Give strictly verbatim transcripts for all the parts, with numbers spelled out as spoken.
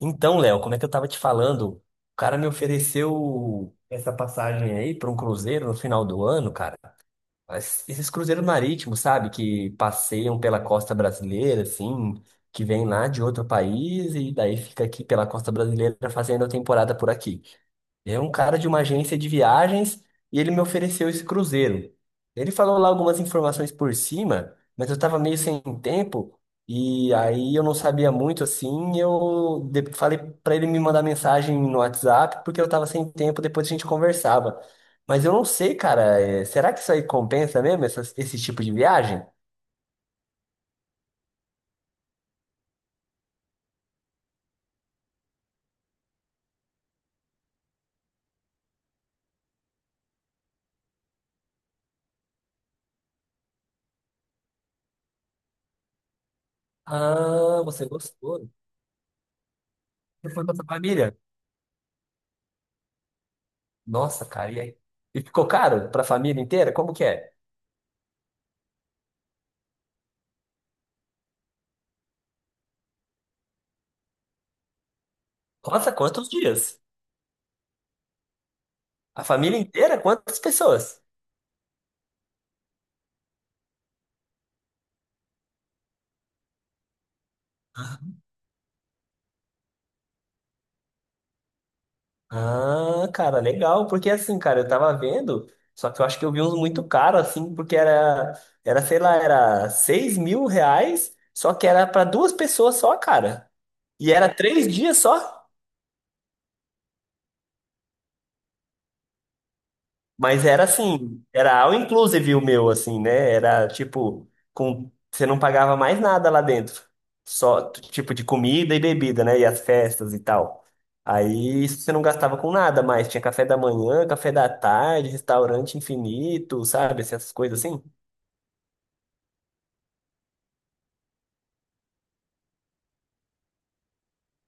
Então, Léo, como é que eu tava te falando? O cara me ofereceu essa passagem aí para um cruzeiro no final do ano, cara. Mas esses cruzeiros marítimos, sabe? Que passeiam pela costa brasileira, assim, que vêm lá de outro país e daí fica aqui pela costa brasileira fazendo a temporada por aqui. É um cara de uma agência de viagens e ele me ofereceu esse cruzeiro. Ele falou lá algumas informações por cima, mas eu tava meio sem tempo e aí eu não sabia muito assim. Eu de- falei pra ele me mandar mensagem no WhatsApp porque eu tava sem tempo, depois a gente conversava. Mas eu não sei, cara. é, Será que isso aí compensa mesmo, essas- esse tipo de viagem? Ah, você gostou. Você foi com a sua família? Nossa, cara, e aí? E ficou caro pra família inteira? Como que é? Nossa, quantos dias? A família inteira? Quantas pessoas? Ah, cara, legal. Porque assim, cara, eu tava vendo, só que eu acho que eu vi uns muito caros, assim, porque era, era, sei lá, era seis mil reais, só que era pra duas pessoas só, cara. E era três dias só? Mas era assim, era all inclusive o meu, assim, né? Era tipo, com, você não pagava mais nada lá dentro. Só t- tipo de comida e bebida, né? E as festas e tal. Aí isso você não gastava com nada mais. Tinha café da manhã, café da tarde, restaurante infinito, sabe? Essas coisas assim.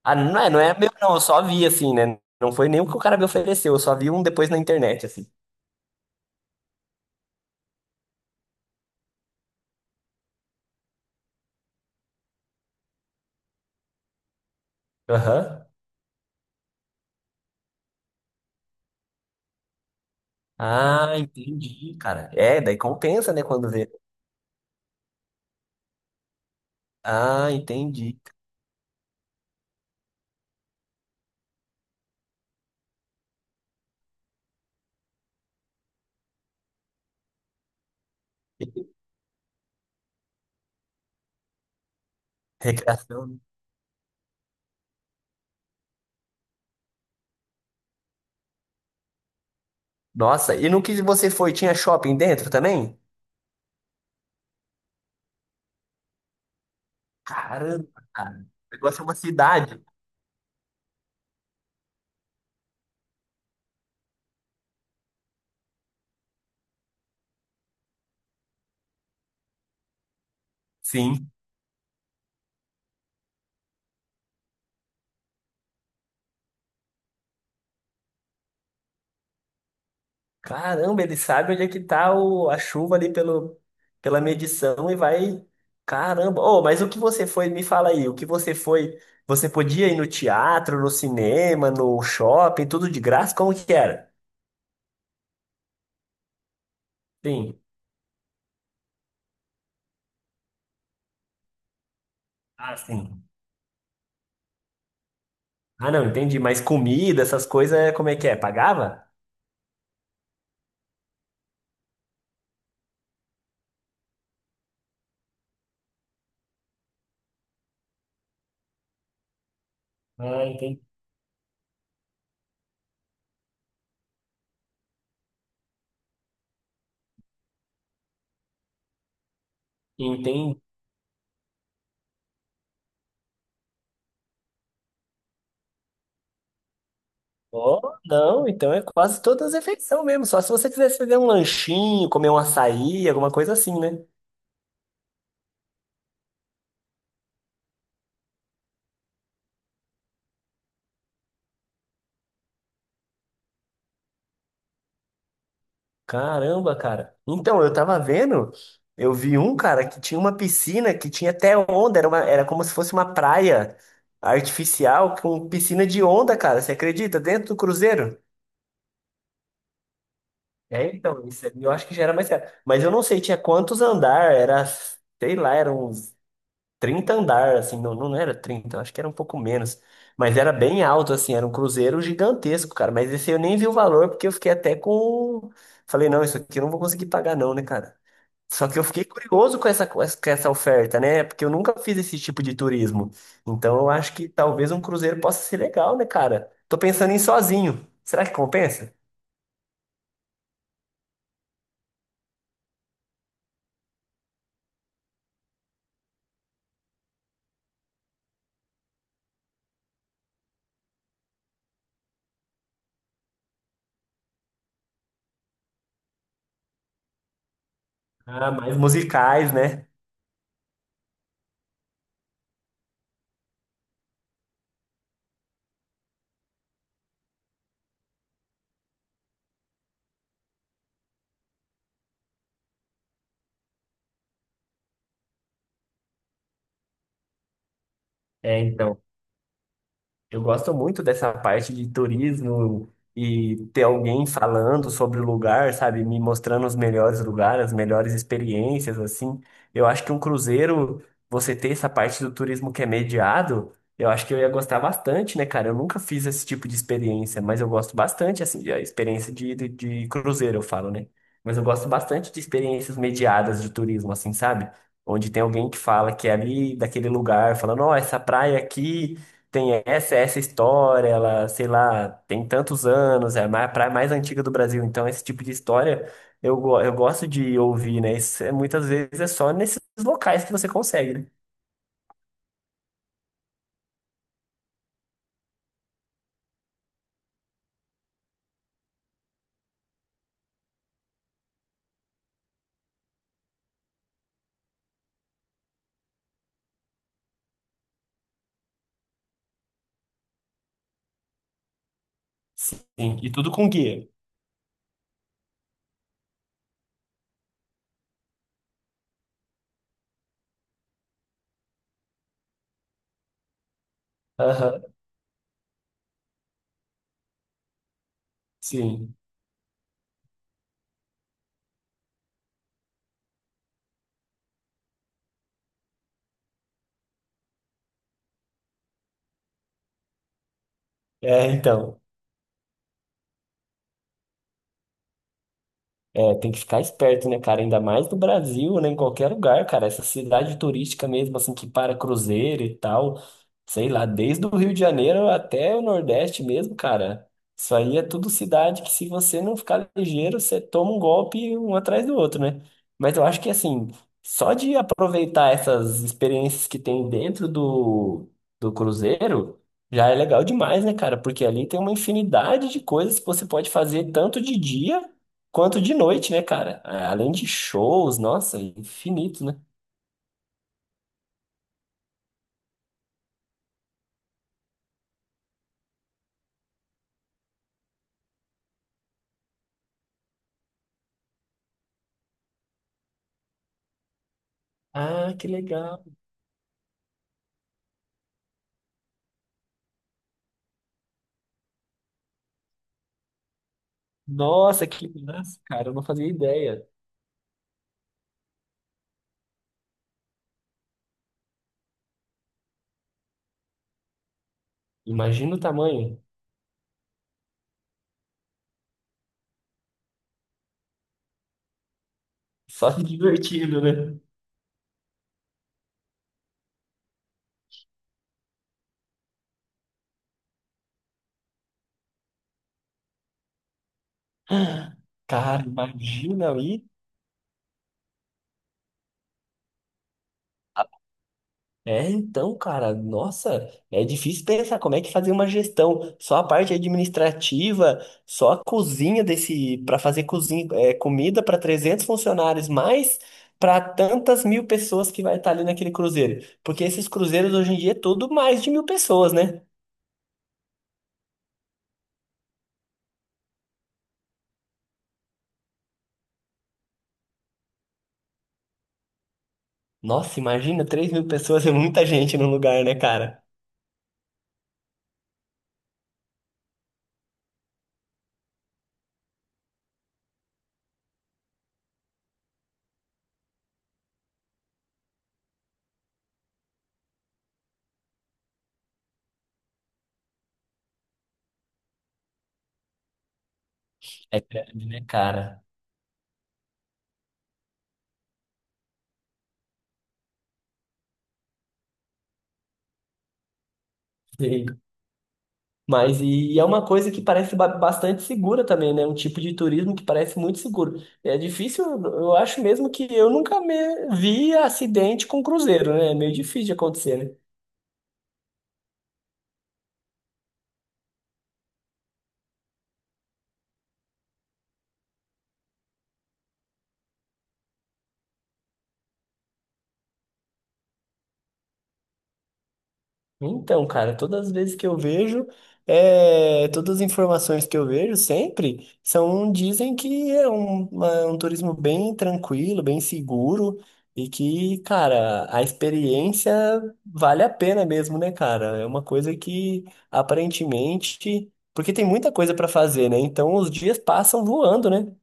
Ah, não é, não é meu, não. Eu só vi assim, né? Não foi nem o que o cara me ofereceu. Eu só vi um depois na internet, assim. Aham. Ah, entendi, cara. É, daí compensa, né? Quando vê. Ah, entendi. Recreação. Nossa, e no que você foi, tinha shopping dentro também? Caramba, cara. O negócio é uma cidade. Sim. Caramba, ele sabe onde é que tá o, a chuva ali pelo, pela medição e vai. Caramba. Oh, mas o que você foi, me fala aí, o que você foi? Você podia ir no teatro, no cinema, no shopping, tudo de graça? Como que era? Sim. Ah, sim. Ah, não, entendi. Mas comida, essas coisas, como é que é? Pagava? Ah, entendi. Oh, não, então é quase todas as refeições mesmo. Só se você quisesse fazer um lanchinho, comer um açaí, alguma coisa assim, né? Caramba, cara. Então, eu tava vendo, eu vi um cara que tinha uma piscina que tinha até onda, era uma, era como se fosse uma praia artificial com piscina de onda, cara. Você acredita? Dentro do cruzeiro? É, então, isso aí eu acho que já era mais caro. Mas eu não sei, tinha quantos andar, era, sei lá, eram trinta andar, assim, não, não era trinta, eu acho que era um pouco menos, mas era bem alto, assim, era um cruzeiro gigantesco, cara, mas esse eu nem vi o valor, porque eu fiquei até com, falei, não, isso aqui eu não vou conseguir pagar não, né, cara? Só que eu fiquei curioso com essa, com essa com essa oferta, né, porque eu nunca fiz esse tipo de turismo, então eu acho que talvez um cruzeiro possa ser legal, né, cara? Tô pensando em ir sozinho, será que compensa? Ah, mais musicais, né? É então, eu gosto muito dessa parte de turismo e ter alguém falando sobre o lugar, sabe? Me mostrando os melhores lugares, as melhores experiências, assim. Eu acho que um cruzeiro, você ter essa parte do turismo que é mediado, eu acho que eu ia gostar bastante, né, cara? Eu nunca fiz esse tipo de experiência, mas eu gosto bastante, assim, da experiência de, de, de cruzeiro, eu falo, né? Mas eu gosto bastante de experiências mediadas de turismo, assim, sabe? Onde tem alguém que fala que é ali daquele lugar, falando, ó, essa praia aqui tem essa, essa história, ela, sei lá, tem tantos anos, é a praia mais antiga do Brasil, então esse tipo de história eu, go- eu gosto de ouvir, né? Isso é, muitas vezes é só nesses locais que você consegue, né? Sim, e tudo com guia. Aham, sim. É, então. É, tem que ficar esperto, né, cara? Ainda mais no Brasil, né? Em qualquer lugar, cara. Essa cidade turística mesmo, assim, que para cruzeiro e tal. Sei lá, desde o Rio de Janeiro até o Nordeste mesmo, cara. Isso aí é tudo cidade que, se você não ficar ligeiro, você toma um golpe um atrás do outro, né? Mas eu acho que, assim, só de aproveitar essas experiências que tem dentro do, do cruzeiro, já é legal demais, né, cara? Porque ali tem uma infinidade de coisas que você pode fazer tanto de dia quanto de noite, né, cara? Ah, além de shows, nossa, infinito, né? Ah, que legal. Nossa, que massa, cara, eu não fazia ideia. Imagina o tamanho. Só divertido, né? Cara, imagina aí. É, então, cara, nossa, é difícil pensar como é que fazer uma gestão, só a parte administrativa, só a cozinha desse, para fazer cozinha, é, comida para trezentos funcionários, mais para tantas mil pessoas que vai estar ali naquele cruzeiro, porque esses cruzeiros hoje em dia é tudo mais de mil pessoas, né? Nossa, imagina, três mil pessoas é muita gente num lugar, né, cara? É grande, né, cara? Mas e é uma coisa que parece ba- bastante segura também, né? Um tipo de turismo que parece muito seguro. É difícil, eu acho mesmo que eu nunca me vi acidente com cruzeiro, né? É meio difícil de acontecer, né? Então, cara, todas as vezes que eu vejo, é, todas as informações que eu vejo sempre são, dizem que é um, uma- um turismo bem tranquilo, bem seguro e que, cara, a experiência vale a pena mesmo, né, cara? É uma coisa que aparentemente, porque tem muita coisa pra fazer, né? Então os dias passam voando, né?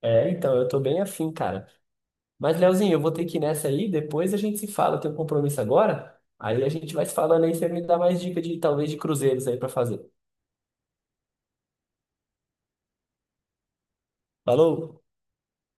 É, então eu tô bem afim, cara. Mas, Leozinho, eu vou ter que ir nessa aí, depois a gente se fala, eu tenho um compromisso agora. Aí a gente vai se falando aí, você me dá mais dica de talvez de cruzeiros aí pra fazer. Falou!